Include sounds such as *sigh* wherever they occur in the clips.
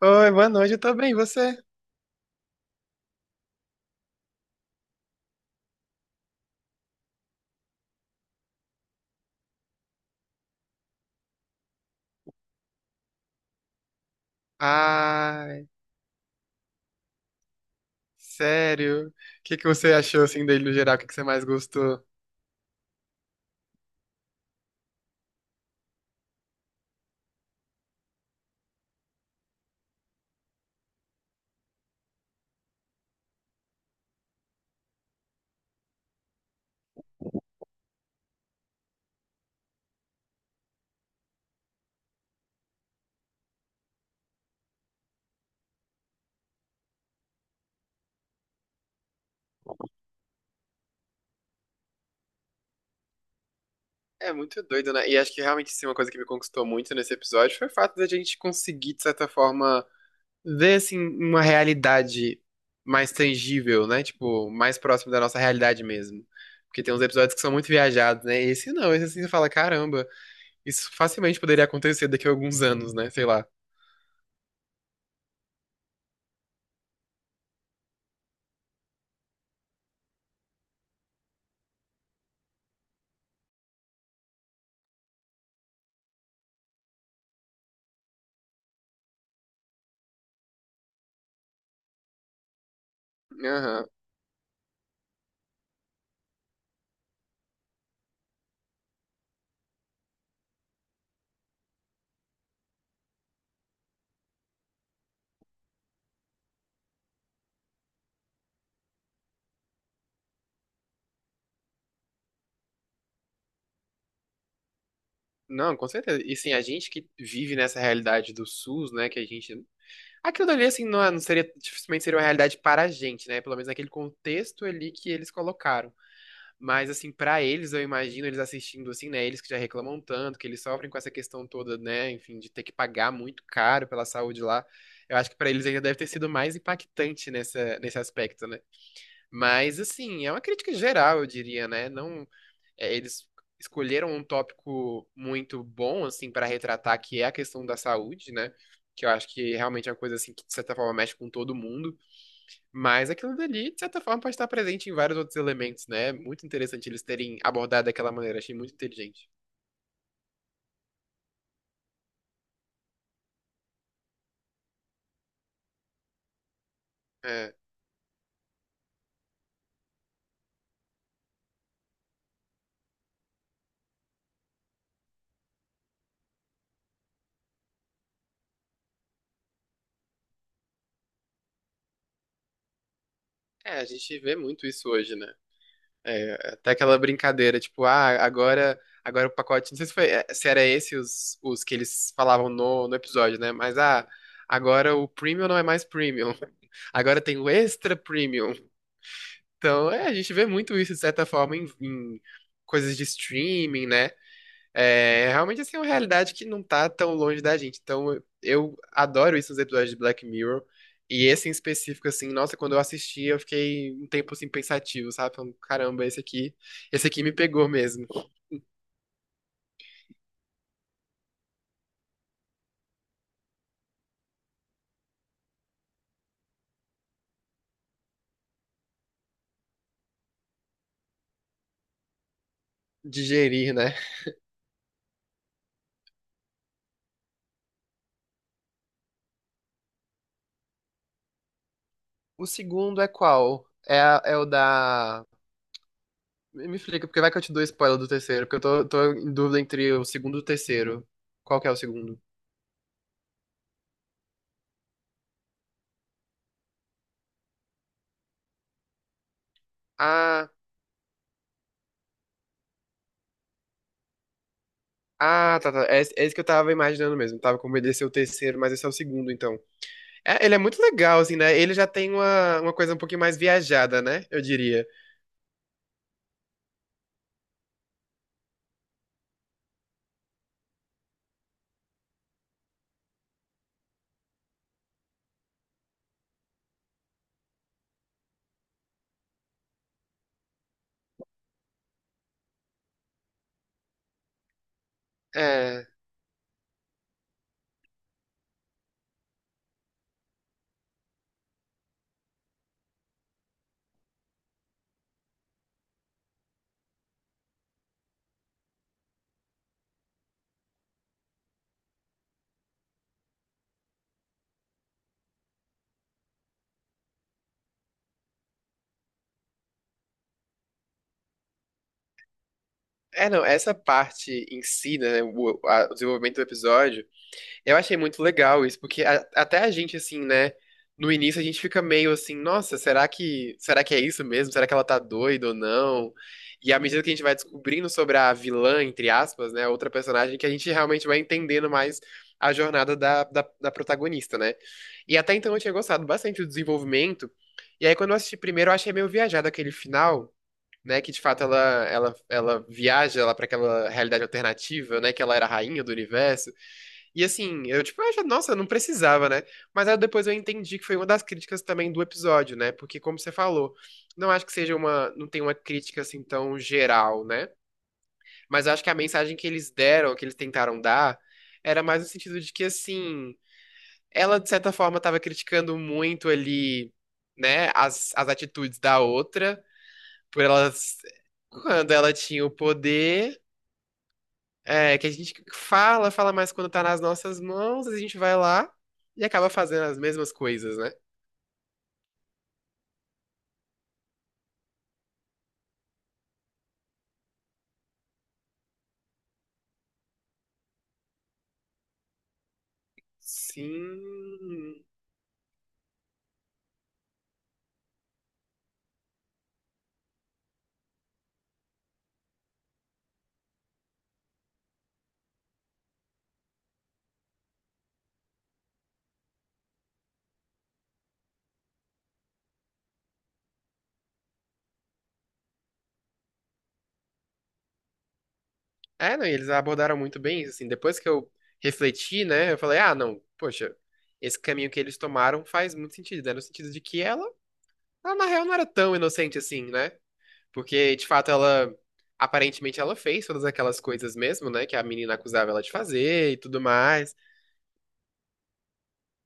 Oi, boa noite, eu tô bem, e você? Ai, sério? O que que você achou, assim, dele no geral? O que que você mais gostou? É muito doido, né? E acho que realmente, sim, uma coisa que me conquistou muito nesse episódio foi o fato da gente conseguir, de certa forma, ver, assim, uma realidade mais tangível, né? Tipo, mais próximo da nossa realidade mesmo. Porque tem uns episódios que são muito viajados, né? Esse não, esse assim, você fala, caramba, isso facilmente poderia acontecer daqui a alguns anos, né? Sei lá. Aham. Não, com certeza. E sim, a gente que vive nessa realidade do SUS, né, que a gente. Aquilo dali, assim, não, não seria, dificilmente seria uma realidade para a gente, né? Pelo menos naquele contexto ali que eles colocaram. Mas, assim, para eles, eu imagino eles assistindo, assim, né? Eles que já reclamam tanto, que eles sofrem com essa questão toda, né? Enfim, de ter que pagar muito caro pela saúde lá. Eu acho que para eles ainda deve ter sido mais impactante nessa, nesse aspecto, né? Mas, assim, é uma crítica geral, eu diria, né? Não, é, eles escolheram um tópico muito bom, assim, para retratar, que é a questão da saúde, né? Que eu acho que realmente é uma coisa, assim, que de certa forma mexe com todo mundo. Mas aquilo dali, de certa forma, pode estar presente em vários outros elementos, né? Muito interessante eles terem abordado daquela maneira, achei muito inteligente. É, é, a gente vê muito isso hoje, né? É, até aquela brincadeira, tipo, ah, agora o pacote. Não sei se foi, se era esse os que eles falavam no episódio, né? Mas ah, agora o premium não é mais premium. *laughs* Agora tem o extra premium. Então, é, a gente vê muito isso, de certa forma, em coisas de streaming, né? É realmente assim é uma realidade que não tá tão longe da gente. Então eu adoro isso nos episódios de Black Mirror. E esse em específico, assim, nossa, quando eu assisti, eu fiquei um tempo assim pensativo, sabe? Falando, caramba, esse aqui me pegou mesmo. Digerir, né? O segundo é qual? É, é o da. Me explica, porque vai que eu te dou spoiler do terceiro, porque eu tô em dúvida entre o segundo e o terceiro. Qual que é o segundo? Ah, ah, tá, tá. É esse que eu tava imaginando mesmo. Tava com medo de ser o terceiro, mas esse é o segundo, então. É, ele é muito legal, assim, né? Ele já tem uma coisa um pouquinho mais viajada, né? Eu diria. É, é não, essa parte em si, né? O desenvolvimento do episódio. Eu achei muito legal isso, porque até a gente, assim, né? No início a gente fica meio assim, nossa, será que é isso mesmo? Será que ela tá doida ou não? E à medida que a gente vai descobrindo sobre a vilã, entre aspas, né? Outra personagem, que a gente realmente vai entendendo mais a jornada da protagonista, né? E até então eu tinha gostado bastante do desenvolvimento. E aí quando eu assisti primeiro, eu achei meio viajado aquele final, né? Que de fato ela viaja lá pra aquela realidade alternativa, né? Que ela era a rainha do universo. E assim, eu tipo, acho, nossa, não precisava, né? Mas aí depois eu entendi que foi uma das críticas também do episódio, né? Porque como você falou, não acho que seja uma, não tem uma crítica assim tão geral, né? Mas eu acho que a mensagem que eles deram, que eles tentaram dar, era mais no sentido de que assim, ela de certa forma estava criticando muito ali, né, as atitudes da outra, por elas quando ela tinha o poder, é, que a gente fala, fala mais quando tá nas nossas mãos, a gente vai lá e acaba fazendo as mesmas coisas, né? Sim. É, não, e eles abordaram muito bem isso, assim. Depois que eu refleti, né, eu falei, ah, não, poxa, esse caminho que eles tomaram faz muito sentido, né? No sentido de que ela na real não era tão inocente assim, né? Porque, de fato, ela, aparentemente, ela fez todas aquelas coisas mesmo, né, que a menina acusava ela de fazer e tudo mais.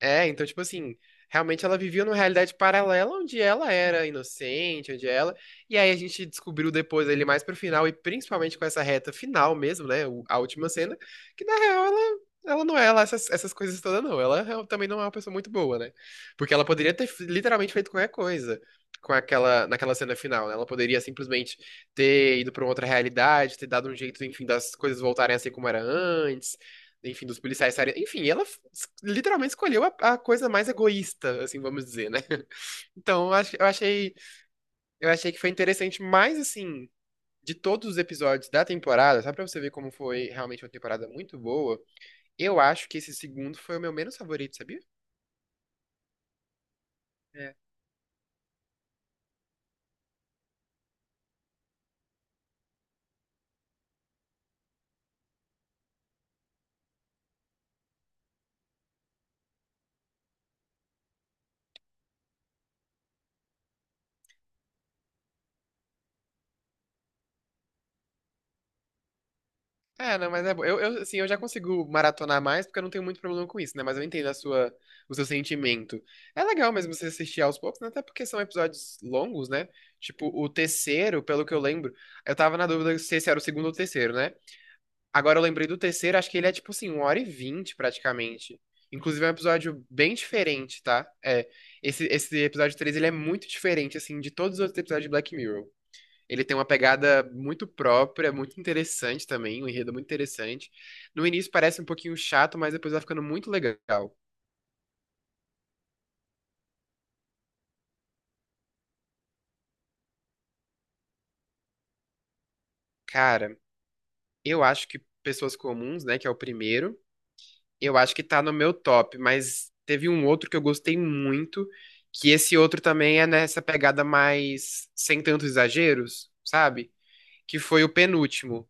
É, então, tipo assim, realmente ela vivia numa realidade paralela onde ela era inocente, onde ela. E aí a gente descobriu depois ali mais pro final, e principalmente com essa reta final mesmo, né? A última cena, que na real ela não é lá essas, coisas todas, não. Ela também não é uma pessoa muito boa, né? Porque ela poderia ter literalmente feito qualquer coisa com aquela, naquela cena final, né? Ela poderia simplesmente ter ido pra uma outra realidade, ter dado um jeito, enfim, das coisas voltarem a ser como era antes enfim, dos policiais estarem. Enfim, ela literalmente escolheu a coisa mais egoísta, assim, vamos dizer, né? *laughs* Então, eu achei que foi interessante, mas assim, de todos os episódios da temporada, só pra você ver como foi realmente uma temporada muito boa, eu acho que esse segundo foi o meu menos favorito, sabia? É, não, mas é bom. Assim, eu já consigo maratonar mais porque eu não tenho muito problema com isso, né? Mas eu entendo a sua, o seu sentimento. É legal mesmo você assistir aos poucos, né? Até porque são episódios longos, né? Tipo, o terceiro, pelo que eu lembro, eu tava na dúvida se esse era o segundo ou o terceiro, né? Agora eu lembrei do terceiro, acho que ele é tipo assim, 1h20, praticamente. Inclusive é um episódio bem diferente, tá? É, esse episódio 3 ele é muito diferente, assim, de todos os outros episódios de Black Mirror. Ele tem uma pegada muito própria, muito interessante também, um enredo muito interessante. No início parece um pouquinho chato, mas depois vai ficando muito legal. Cara, eu acho que Pessoas Comuns, né, que é o primeiro, eu acho que tá no meu top, mas teve um outro que eu gostei muito, que esse outro também é nessa pegada mais sem tantos exageros, sabe? Que foi o penúltimo.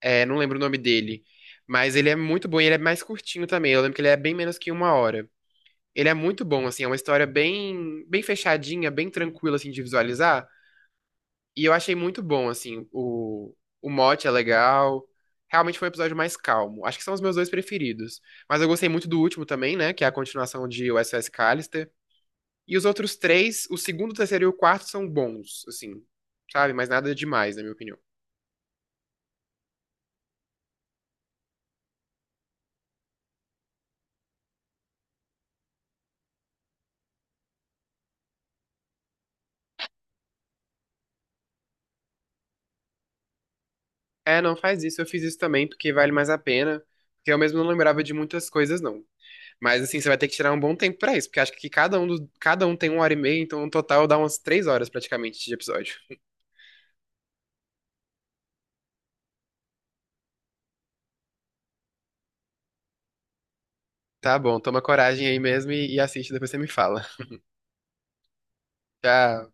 É, não lembro o nome dele. Mas ele é muito bom e ele é mais curtinho também. Eu lembro que ele é bem menos que uma hora. Ele é muito bom, assim, é uma história bem, bem fechadinha, bem tranquila, assim, de visualizar. E eu achei muito bom, assim, o mote é legal. Realmente foi um episódio mais calmo. Acho que são os meus dois preferidos. Mas eu gostei muito do último também, né, que é a continuação de USS Callister. E os outros três, o segundo, o terceiro e o quarto são bons, assim, sabe? Mas nada demais, na minha opinião. É, não faz isso, eu fiz isso também, porque vale mais a pena. Porque eu mesmo não lembrava de muitas coisas, não. Mas assim, você vai ter que tirar um bom tempo pra isso, porque acho que cada um tem uma hora e meia, então no total dá umas 3 horas praticamente de episódio. Tá bom, toma coragem aí mesmo e assiste, depois você me fala. Tchau.